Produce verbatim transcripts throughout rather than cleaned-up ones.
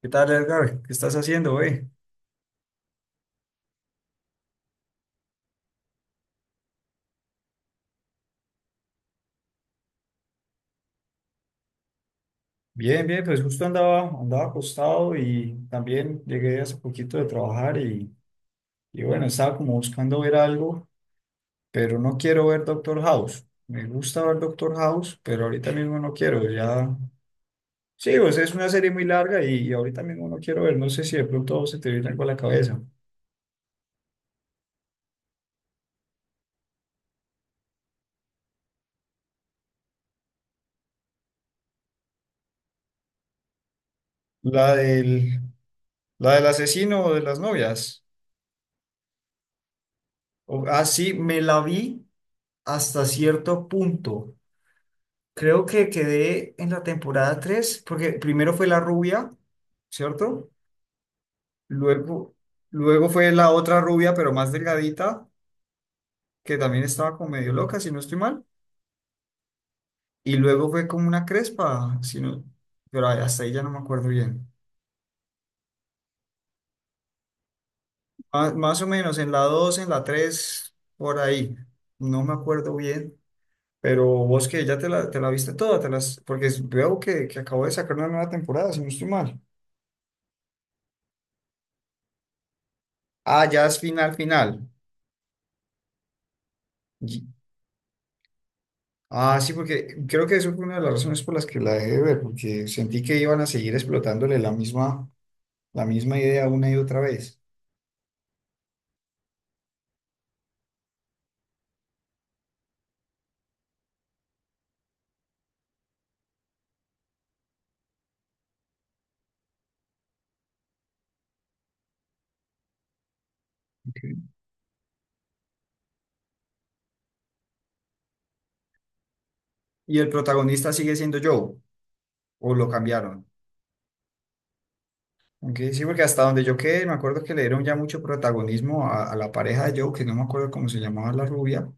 ¿Qué tal, Edgar? ¿Qué estás haciendo, güey? Bien, bien, pues justo andaba, andaba acostado y también llegué hace poquito de trabajar y, y bueno, estaba como buscando ver algo, pero no quiero ver Doctor House. Me gusta ver Doctor House, pero ahorita mismo no quiero, ya... Sí, pues es una serie muy larga y, y ahorita mismo no quiero ver, no sé si de pronto se te viene algo a la cabeza. La del, la del asesino de las novias. O- ah, sí, me la vi hasta cierto punto. Creo que quedé en la temporada tres porque primero fue la rubia, ¿cierto? Luego, luego fue la otra rubia, pero más delgadita, que también estaba como medio loca, si no estoy mal. Y luego fue como una crespa, si no- pero ahí- hasta ahí ya no me acuerdo bien. Má- Más o menos en la dos en la tres por ahí. No me acuerdo bien. Pero vos que ya te la, te la viste toda, te las, porque es- veo que, que acabo de sacar una nueva temporada, si no estoy mal. Ah, ya es final, final. Ah, sí, porque creo que eso fue una de las razones por las que la dejé de ver, porque sentí que iban a seguir explotándole la misma, la misma idea una y otra vez. Ok. Y el protagonista sigue siendo Joe, o lo cambiaron. Aunque sí, porque hasta donde yo quedé, me acuerdo que le dieron ya mucho protagonismo a, a la pareja de Joe, que no me acuerdo cómo se llamaba la rubia,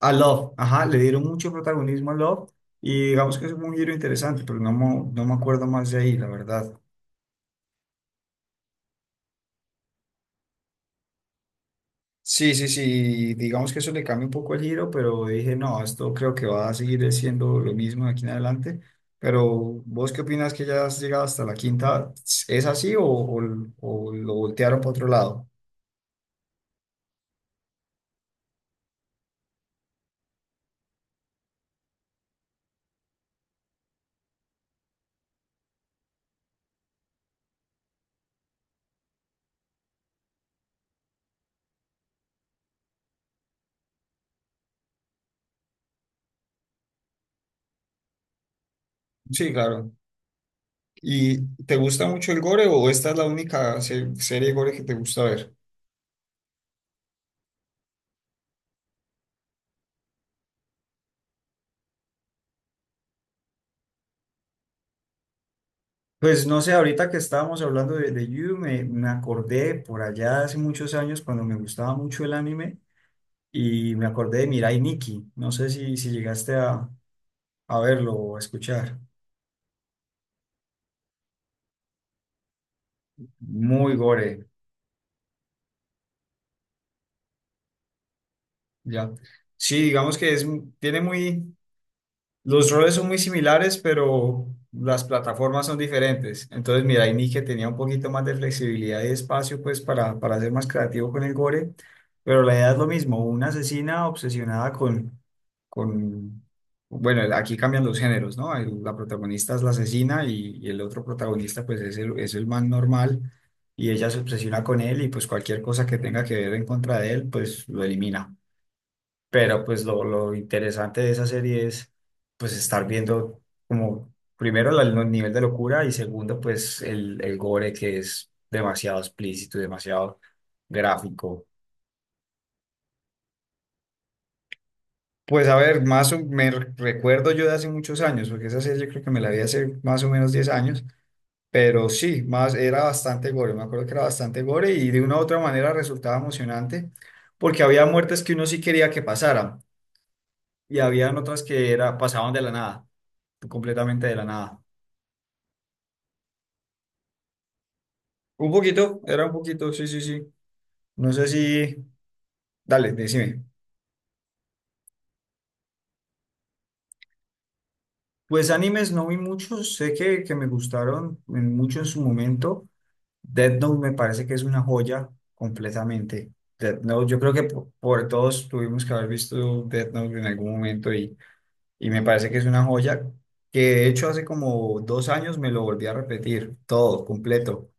a Love, ajá, le dieron mucho protagonismo a Love, y digamos que es un giro interesante, pero no, mo- no me acuerdo más de ahí, la verdad. Sí, sí, sí, digamos que eso le cambia un poco el giro, pero dije, no, esto creo que va a seguir siendo lo mismo de aquí en adelante. Pero, ¿vos qué opinas que ya has llegado hasta la quinta? ¿Es así o, o, o lo voltearon para otro lado? Sí, claro. ¿Y te gusta mucho el gore o esta es la única se- serie de gore que te gusta ver? Pues no sé, ahorita que estábamos hablando de, de You, me, me acordé por allá hace muchos años cuando me gustaba mucho el anime y me acordé de Mirai Nikki. No sé si, si llegaste a, a verlo o a escuchar. Muy gore, ya. Sí, digamos que es, tiene muy, los roles son muy similares, pero las plataformas son diferentes. Entonces, mira, hay Nick que tenía un poquito más de flexibilidad y espacio, pues, para, para ser más creativo con el gore, pero la idea es lo mismo, una asesina obsesionada con, con, bueno, aquí cambian los géneros, ¿no? El- la protagonista es la asesina y, y el otro protagonista, pues, es el, es el man normal y ella se obsesiona con él y, pues, cualquier cosa que tenga que ver en contra de él, pues, lo elimina. Pero pues lo, lo interesante de esa serie es pues estar viendo como primero la- el no, nivel de locura y segundo pues el, el gore que es demasiado explícito y demasiado gráfico. Pues a ver, más o- me re- recuerdo yo de hace muchos años, porque esa serie yo creo que me la vi hace más o menos diez años, pero sí, más era bastante gore, me acuerdo que era bastante gore y de una u otra manera resultaba emocionante porque había muertes que uno sí quería que pasaran, y habían otras que era, pasaban de la nada, completamente de la nada. Un poquito, era un poquito, sí, sí, sí. No sé si, dale, decime. Pues animes no vi muchos, sé que, que me gustaron en mucho en su momento. Death Note me parece que es una joya completamente. Death Note, yo creo que po- por, todos tuvimos que haber visto Death Note en algún momento y, y me parece que es una joya que de hecho hace como dos años me lo volví a repetir todo, completo.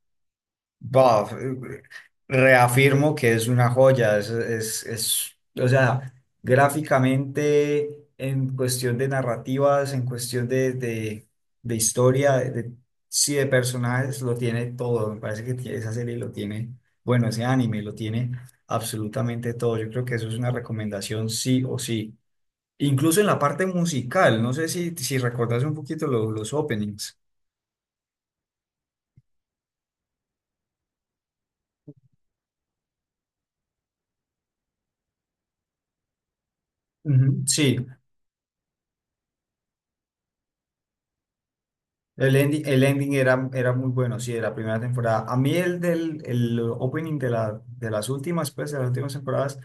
Buff, eh, reafirmo que es una joya, es, es, es- o sea, gráficamente, en cuestión de narrativas, en cuestión de, de, de historia, de, sí, de personajes, lo tiene todo, me parece que tiene- esa serie lo tiene, bueno, ese anime lo tiene absolutamente todo, yo creo que eso es una recomendación sí o sí, incluso en la parte musical, no sé si, si recordás un poquito lo- los openings. Ujú, sí, el ending, el ending era, era muy bueno, sí, de la primera temporada. A mí el del el opening de, la, de las últimas, pues, de las últimas temporadas,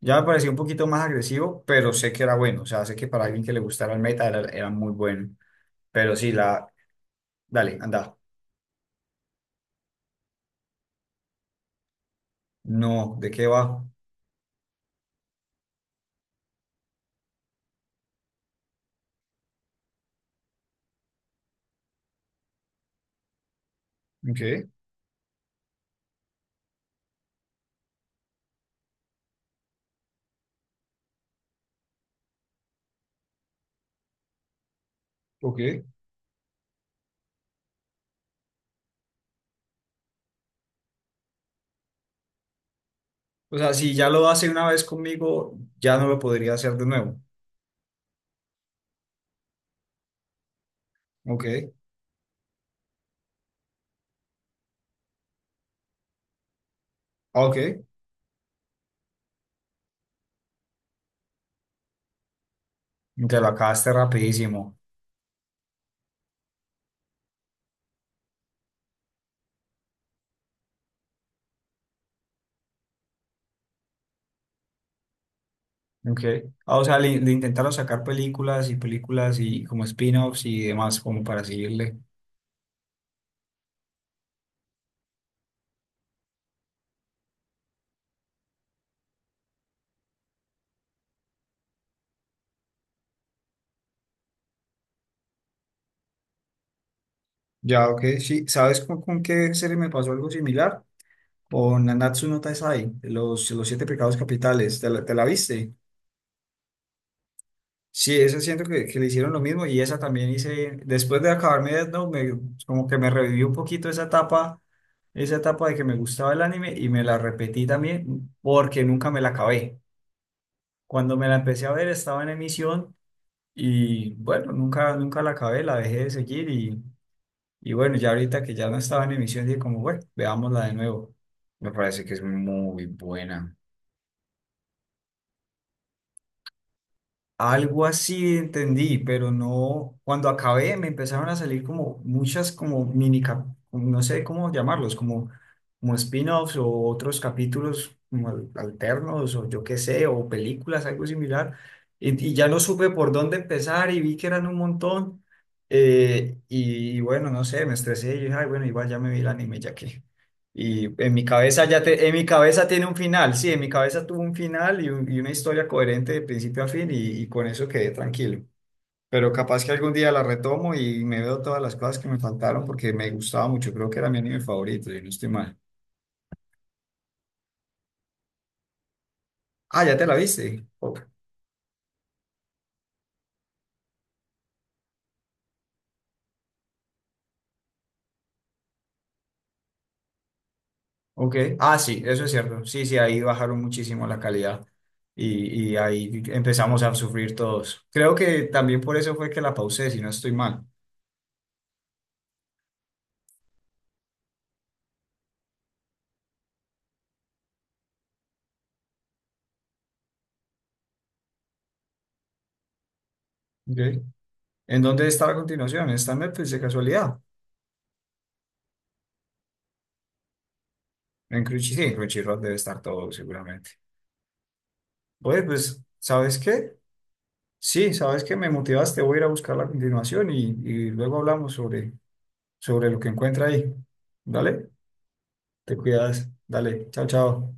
ya me pareció un poquito más agresivo, pero sé que era bueno. O sea, sé que para alguien que le gustara el meta era, era muy bueno. Pero sí, la... Dale, anda. No, ¿de qué va? Ok, ok, o sea, si ya lo hace una vez conmigo, ya no lo podría hacer de nuevo. Ok, ah, ok. Te lo acabaste rapidísimo. Okay. Ah, o sea, le, le intentaron sacar películas y películas y como spin-offs y demás, como para seguirle. Ya, ok, sí. ¿Sabes con, con qué serie me pasó algo similar? Con Nanatsu no Taizai, los, los siete pecados capitales. ¿Te la, te la viste? Sí, esa siento que, que le hicieron lo mismo y esa también hice, después de acabarme Death Note, me, como que me revivió un poquito esa etapa, esa etapa de que me gustaba el anime y me la repetí también porque nunca me la acabé. Cuando me la empecé a ver estaba en emisión. Y bueno, nunca, nunca la acabé, la dejé de seguir y, y bueno, ya ahorita que ya no estaba en emisión, dije como, bueno, veámosla de nuevo. Me parece que es muy buena. Algo así entendí, pero no, cuando acabé me empezaron a salir como muchas como mini, cap- no sé cómo llamarlos, como, como spin-offs o otros capítulos como al- alternos o yo qué sé, o películas, algo similar. Y, y ya no supe por dónde empezar y vi que eran un montón. eh, y, bueno, no sé, me estresé y dije, ay, bueno, igual ya me vi el anime ya que. Y en mi cabeza ya te, en mi cabeza tiene un final, sí, en mi cabeza tuvo un final y, un- y una historia coherente de principio a fin y, y con eso quedé tranquilo. Pero capaz que algún día la retomo y me veo todas las cosas que me faltaron porque me gustaba mucho, creo que era mi anime favorito, y no estoy mal. Ah, ¿ya te la viste? Ok. Ok. Ah, sí, eso es cierto. Sí, sí, ahí bajaron muchísimo la calidad y, y ahí empezamos a sufrir todos. Creo que también por eso fue que la pausé, si no estoy mal. Ok. ¿En dónde está la continuación? ¿Está en Netflix de casualidad? En Crunchy, sí, en Crunchyroll debe estar todo seguramente. Oye, pues, ¿sabes qué? Sí, ¿sabes qué? Me motivaste, voy a ir a buscar la continuación y, y luego hablamos sobre, sobre lo que encuentra ahí. Dale, te cuidas, dale, chao, chao.